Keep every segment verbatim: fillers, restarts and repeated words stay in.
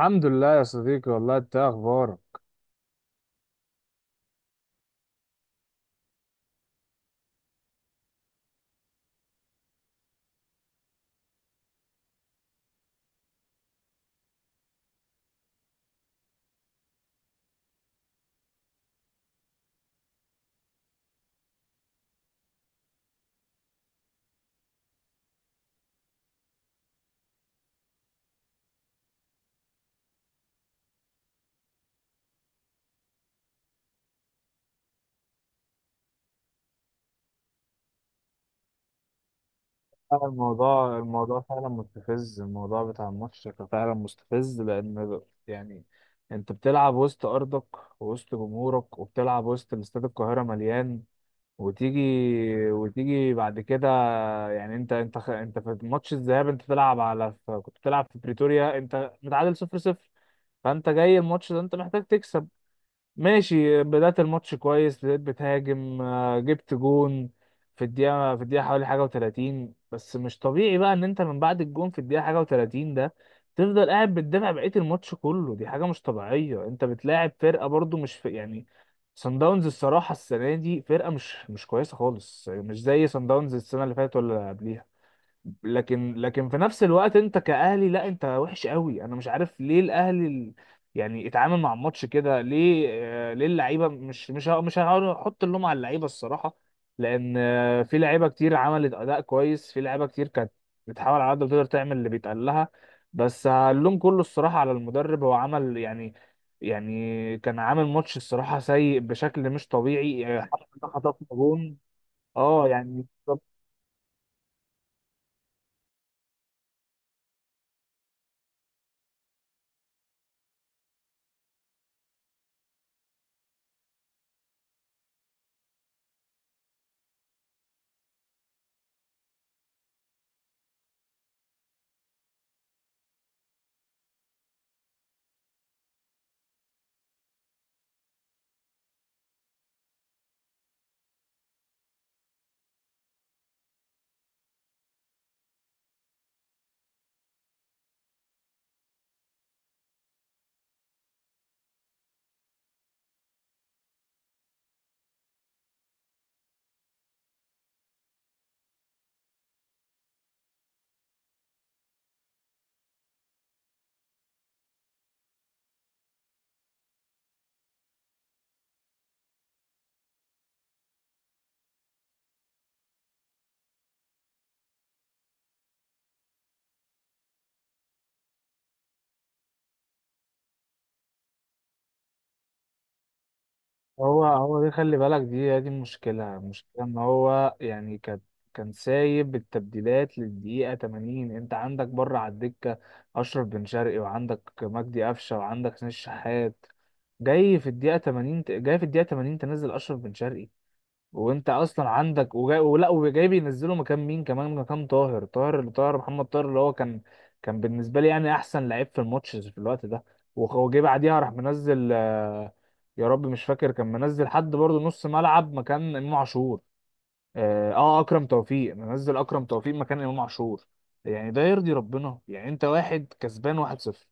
الحمد لله يا صديقي، والله انت ايه اخبارك؟ لا، الموضوع الموضوع فعلا مستفز، الموضوع بتاع الماتش كان فعلا مستفز، لان يعني انت بتلعب وسط ارضك ووسط جمهورك، وبتلعب وسط استاد القاهره مليان، وتيجي وتيجي بعد كده. يعني انت انت خ- انت في ماتش الذهاب، انت بتلعب على ف- كنت بتلعب في بريتوريا، انت متعادل صفر صفر. فانت جاي الماتش ده انت محتاج تكسب. ماشي، بدأت الماتش كويس، بدأت بتهاجم، آه، جبت جون في الدقيقة في الدقيقة حوالي حاجة وتلاتين. بس مش طبيعي بقى إن أنت من بعد الجون في الدقيقة حاجة وتلاتين ده تفضل قاعد بتدافع بقية الماتش كله. دي حاجة مش طبيعية. أنت بتلاعب فرقة برضو مش في يعني سان داونز. الصراحة السنة دي فرقة مش مش كويسة خالص، يعني مش زي سان داونز السنة اللي فاتت ولا اللي قبليها. لكن لكن في نفس الوقت انت كأهلي لا، انت وحش قوي. انا مش عارف ليه الاهلي ال- يعني اتعامل مع الماتش كده ليه؟ آه، ليه اللعيبه؟ مش مش ه- مش هحاول احط اللوم على اللعيبه الصراحه، لان آه، في لعيبه كتير عملت اداء كويس، في لعيبه كتير كانت بتحاول على قد ما تقدر تعمل اللي بيتقال لها. بس اللوم كله الصراحه على المدرب. هو عمل يعني، يعني كان عامل ماتش الصراحه سيء بشكل مش طبيعي، آه، حتى خطفنا جون. اه، يعني هو هو دي خلي بالك، دي دي المشكلة المشكلة ان هو يعني كان كان سايب التبديلات للدقيقة ثمانين. انت عندك بره على الدكة اشرف بن شرقي، وعندك مجدي قفشة، وعندك حسين الشحات. جاي في الدقيقة ثمانين ت- جاي في الدقيقة ثمانين تنزل اشرف بن شرقي، وانت اصلا عندك، وجاي ولا وجاي بينزله مكان مين كمان؟ مكان طاهر طاهر طاهر محمد طاهر، اللي هو كان كان بالنسبه لي يعني احسن لعيب في الماتش في الوقت ده. وخ- وجه بعديها راح منزل، آه، يا رب مش فاكر، كان منزل حد برضه نص ملعب مكان امام عاشور. اه آه، اكرم توفيق، منزل اكرم توفيق مكان امام عاشور. يعني ده يرضي ربنا؟ يعني انت واحد كسبان واحد صفر،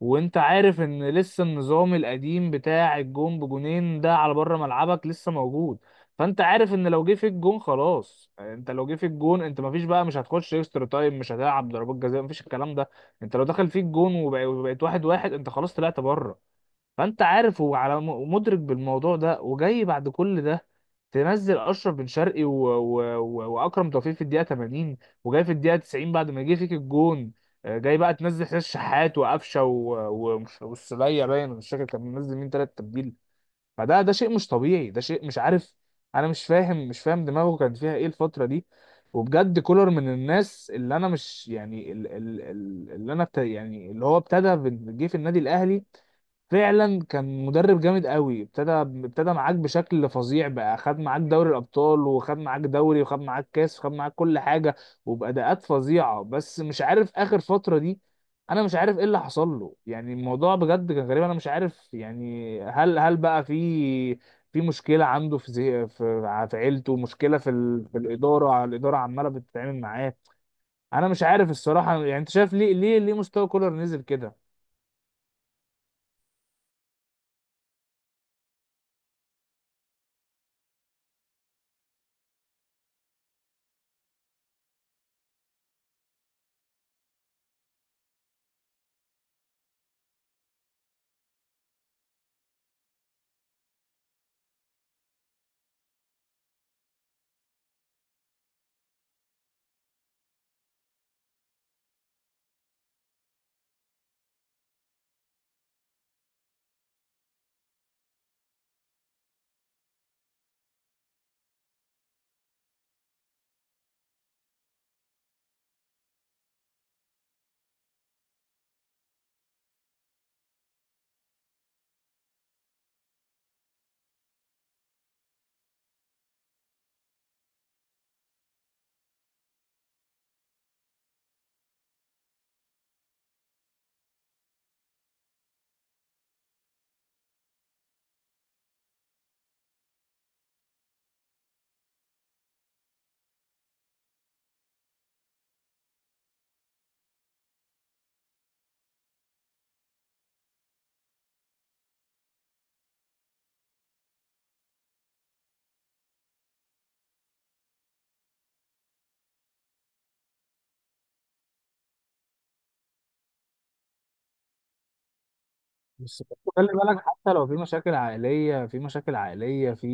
وانت عارف ان لسه النظام القديم بتاع الجون بجونين ده على بره ملعبك لسه موجود. فانت عارف ان لو جه فيك جون خلاص، انت لو جه فيك جون انت مفيش بقى، مش هتخش اكسترا تايم، مش هتلعب ضربات جزاء، مفيش الكلام ده. انت لو دخل فيك جون وبقى- وبقيت واحد واحد، انت خلاص طلعت بره. فانت عارف، هو على م- مدرك بالموضوع ده، وجاي بعد كل ده تنزل اشرف بن شرقي و... و... و... واكرم توفيق في الدقيقه ثمانين، وجاي في الدقيقه تسعين بعد ما جه فيك الجون. آه، جاي بقى تنزل حسين الشحات وقفشه و... و... ومش- والسليه. باين مش فاكر كان منزل مين ثلاث تبديل. فده ده شيء مش طبيعي، ده شيء مش عارف. انا مش فاهم مش فاهم دماغه كان فيها ايه الفتره دي. وبجد كولر من الناس اللي انا مش يعني، ال- ال- ال- اللي انا بت... يعني اللي هو ابتدى بن- جه في النادي الاهلي فعلا كان مدرب جامد قوي. ابتدى ابتدى معاك بشكل فظيع بقى، خد معاك دوري الابطال، وخد معاك دوري، وخد معاك كاس، وخد معاك كل حاجه، وباداءات فظيعه. بس مش عارف اخر فتره دي، انا مش عارف ايه اللي حصل له. يعني الموضوع بجد كان غريب. انا مش عارف يعني، هل هل بقى في في مشكله عنده في زي في في عيلته، مشكله في ال... في الاداره؟ الاداره عماله بتتعامل معاه؟ انا مش عارف الصراحه. يعني انت شايف ليه، ليه ليه مستوى كولر نزل كده؟ بس برضه خلي بالك، حتى لو في مشاكل عائلية، في مشاكل عائلية في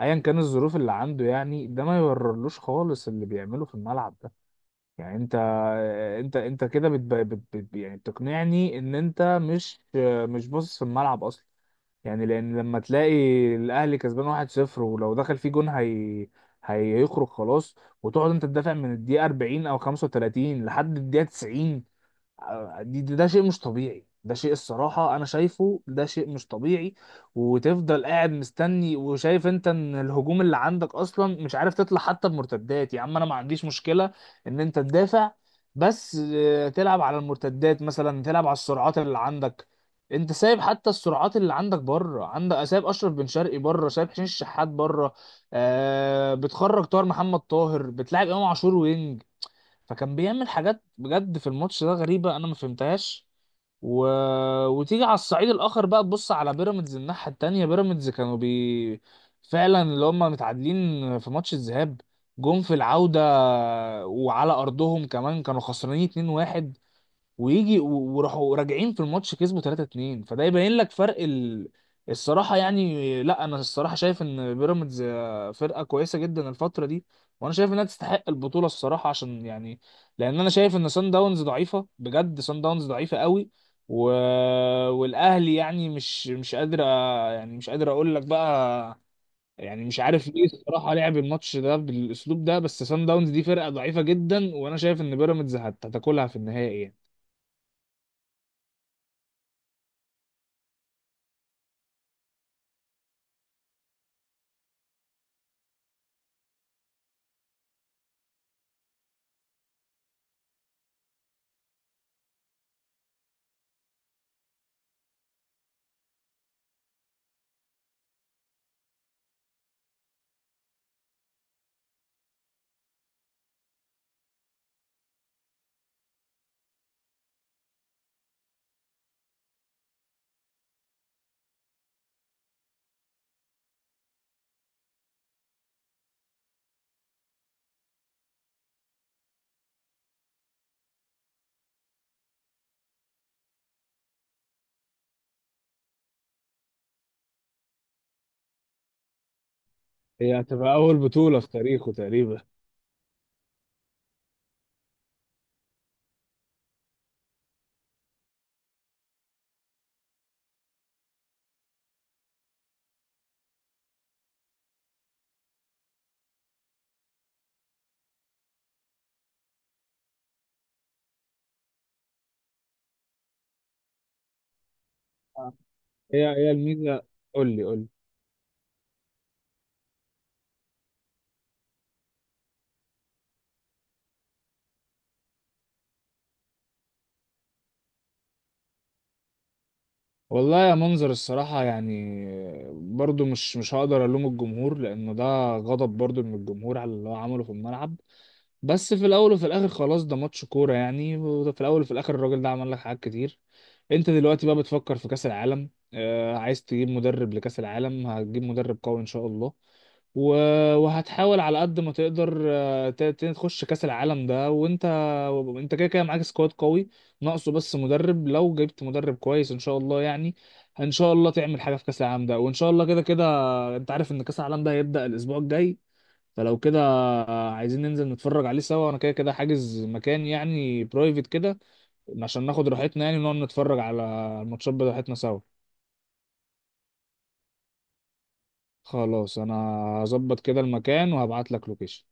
ايا كان الظروف اللي عنده، يعني ده ما يبررلوش خالص اللي بيعمله في الملعب ده. يعني انت انت انت كده، بت... بت... بت... يعني بتقنعني ان انت مش مش باصص في الملعب اصلا. يعني لان لما تلاقي الاهلي كسبان واحد صفر ولو دخل فيه جون هي هيخرج خلاص، وتقعد انت تدافع من الدقيقة أربعين او خمسة وتلاتين لحد الدقيقة تسعين. آه، دي دي- ده شيء مش طبيعي، ده شيء الصراحة أنا شايفه ده شيء مش طبيعي. وتفضل قاعد مستني وشايف أنت إن الهجوم اللي عندك أصلا مش عارف تطلع حتى بمرتدات. يا عم أنا ما عنديش مشكلة إن أنت تدافع، بس آه، تلعب على المرتدات مثلا، تلعب على السرعات اللي عندك. أنت سايب حتى السرعات اللي عندك بره، عندك سايب أشرف بن شرقي بره، سايب حسين الشحات بره، آه بتخرج طاهر محمد طاهر، بتلعب إمام عاشور وينج. فكان بيعمل حاجات بجد في الماتش ده غريبة، أنا ما فهمتهاش. و... وتيجي على الصعيد الآخر بقى، تبص على بيراميدز الناحية التانية. بيراميدز كانوا بي فعلا اللي هم متعادلين في ماتش الذهاب، جم في العودة وعلى أرضهم كمان كانوا خسرانين اتنين واحد، ويجي و- وراحوا راجعين في الماتش كسبوا تلاتة اتنين. فده يبين لك فرق ال... الصراحة. يعني لا، أنا الصراحة شايف إن بيراميدز آه، فرقة كويسة جدا الفترة دي، وأنا شايف إنها تستحق البطولة الصراحة، عشان يعني لأن أنا شايف إن سان داونز ضعيفة بجد، سان داونز ضعيفة قوي. و... والأهلي يعني مش مش قادر أ- يعني مش قادر أقول لك بقى، يعني مش عارف ليه الصراحة لعب الماتش ده بالأسلوب ده. بس سان داونز دي فرقة ضعيفة جدا، وأنا شايف إن بيراميدز هت- هتاكلها في النهائي يعني. هي هتبقى أول بطولة في تاريخه تقريبا. آه. هي هي الميزة. قول لي قول لي. والله يا، منظر الصراحة يعني، برضو مش مش هقدر ألوم الجمهور، لأنه ده غضب برضو من الجمهور على اللي هو عمله في الملعب. بس في الاول وفي الاخر خلاص ده ماتش كوره يعني، في الاول وفي الاخر الراجل ده عمل لك حاجات كتير. انت دلوقتي بقى بتفكر في كاس العالم، آه عايز تجيب مدرب لكاس العالم، هتجيب مدرب قوي ان شاء الله، و- وهتحاول على قد ما تقدر آه، ت- ت- تخش كاس العالم ده، وانت انت كده كده معاك سكواد قوي، ناقصه بس مدرب. لو جبت مدرب كويس ان شاء الله يعني، ان شاء الله تعمل حاجه في كاس العالم ده. وان شاء الله كده كده انت عارف ان كاس العالم ده هيبدا الاسبوع الجاي، فلو كده عايزين ننزل نتفرج عليه سوا، وانا كده كده حاجز مكان يعني، برايفت كده عشان ناخد راحتنا يعني، ونقعد نتفرج على الماتشات بتاعتنا سوا. خلاص، انا هظبط كده المكان وهبعت لك لوكيشن.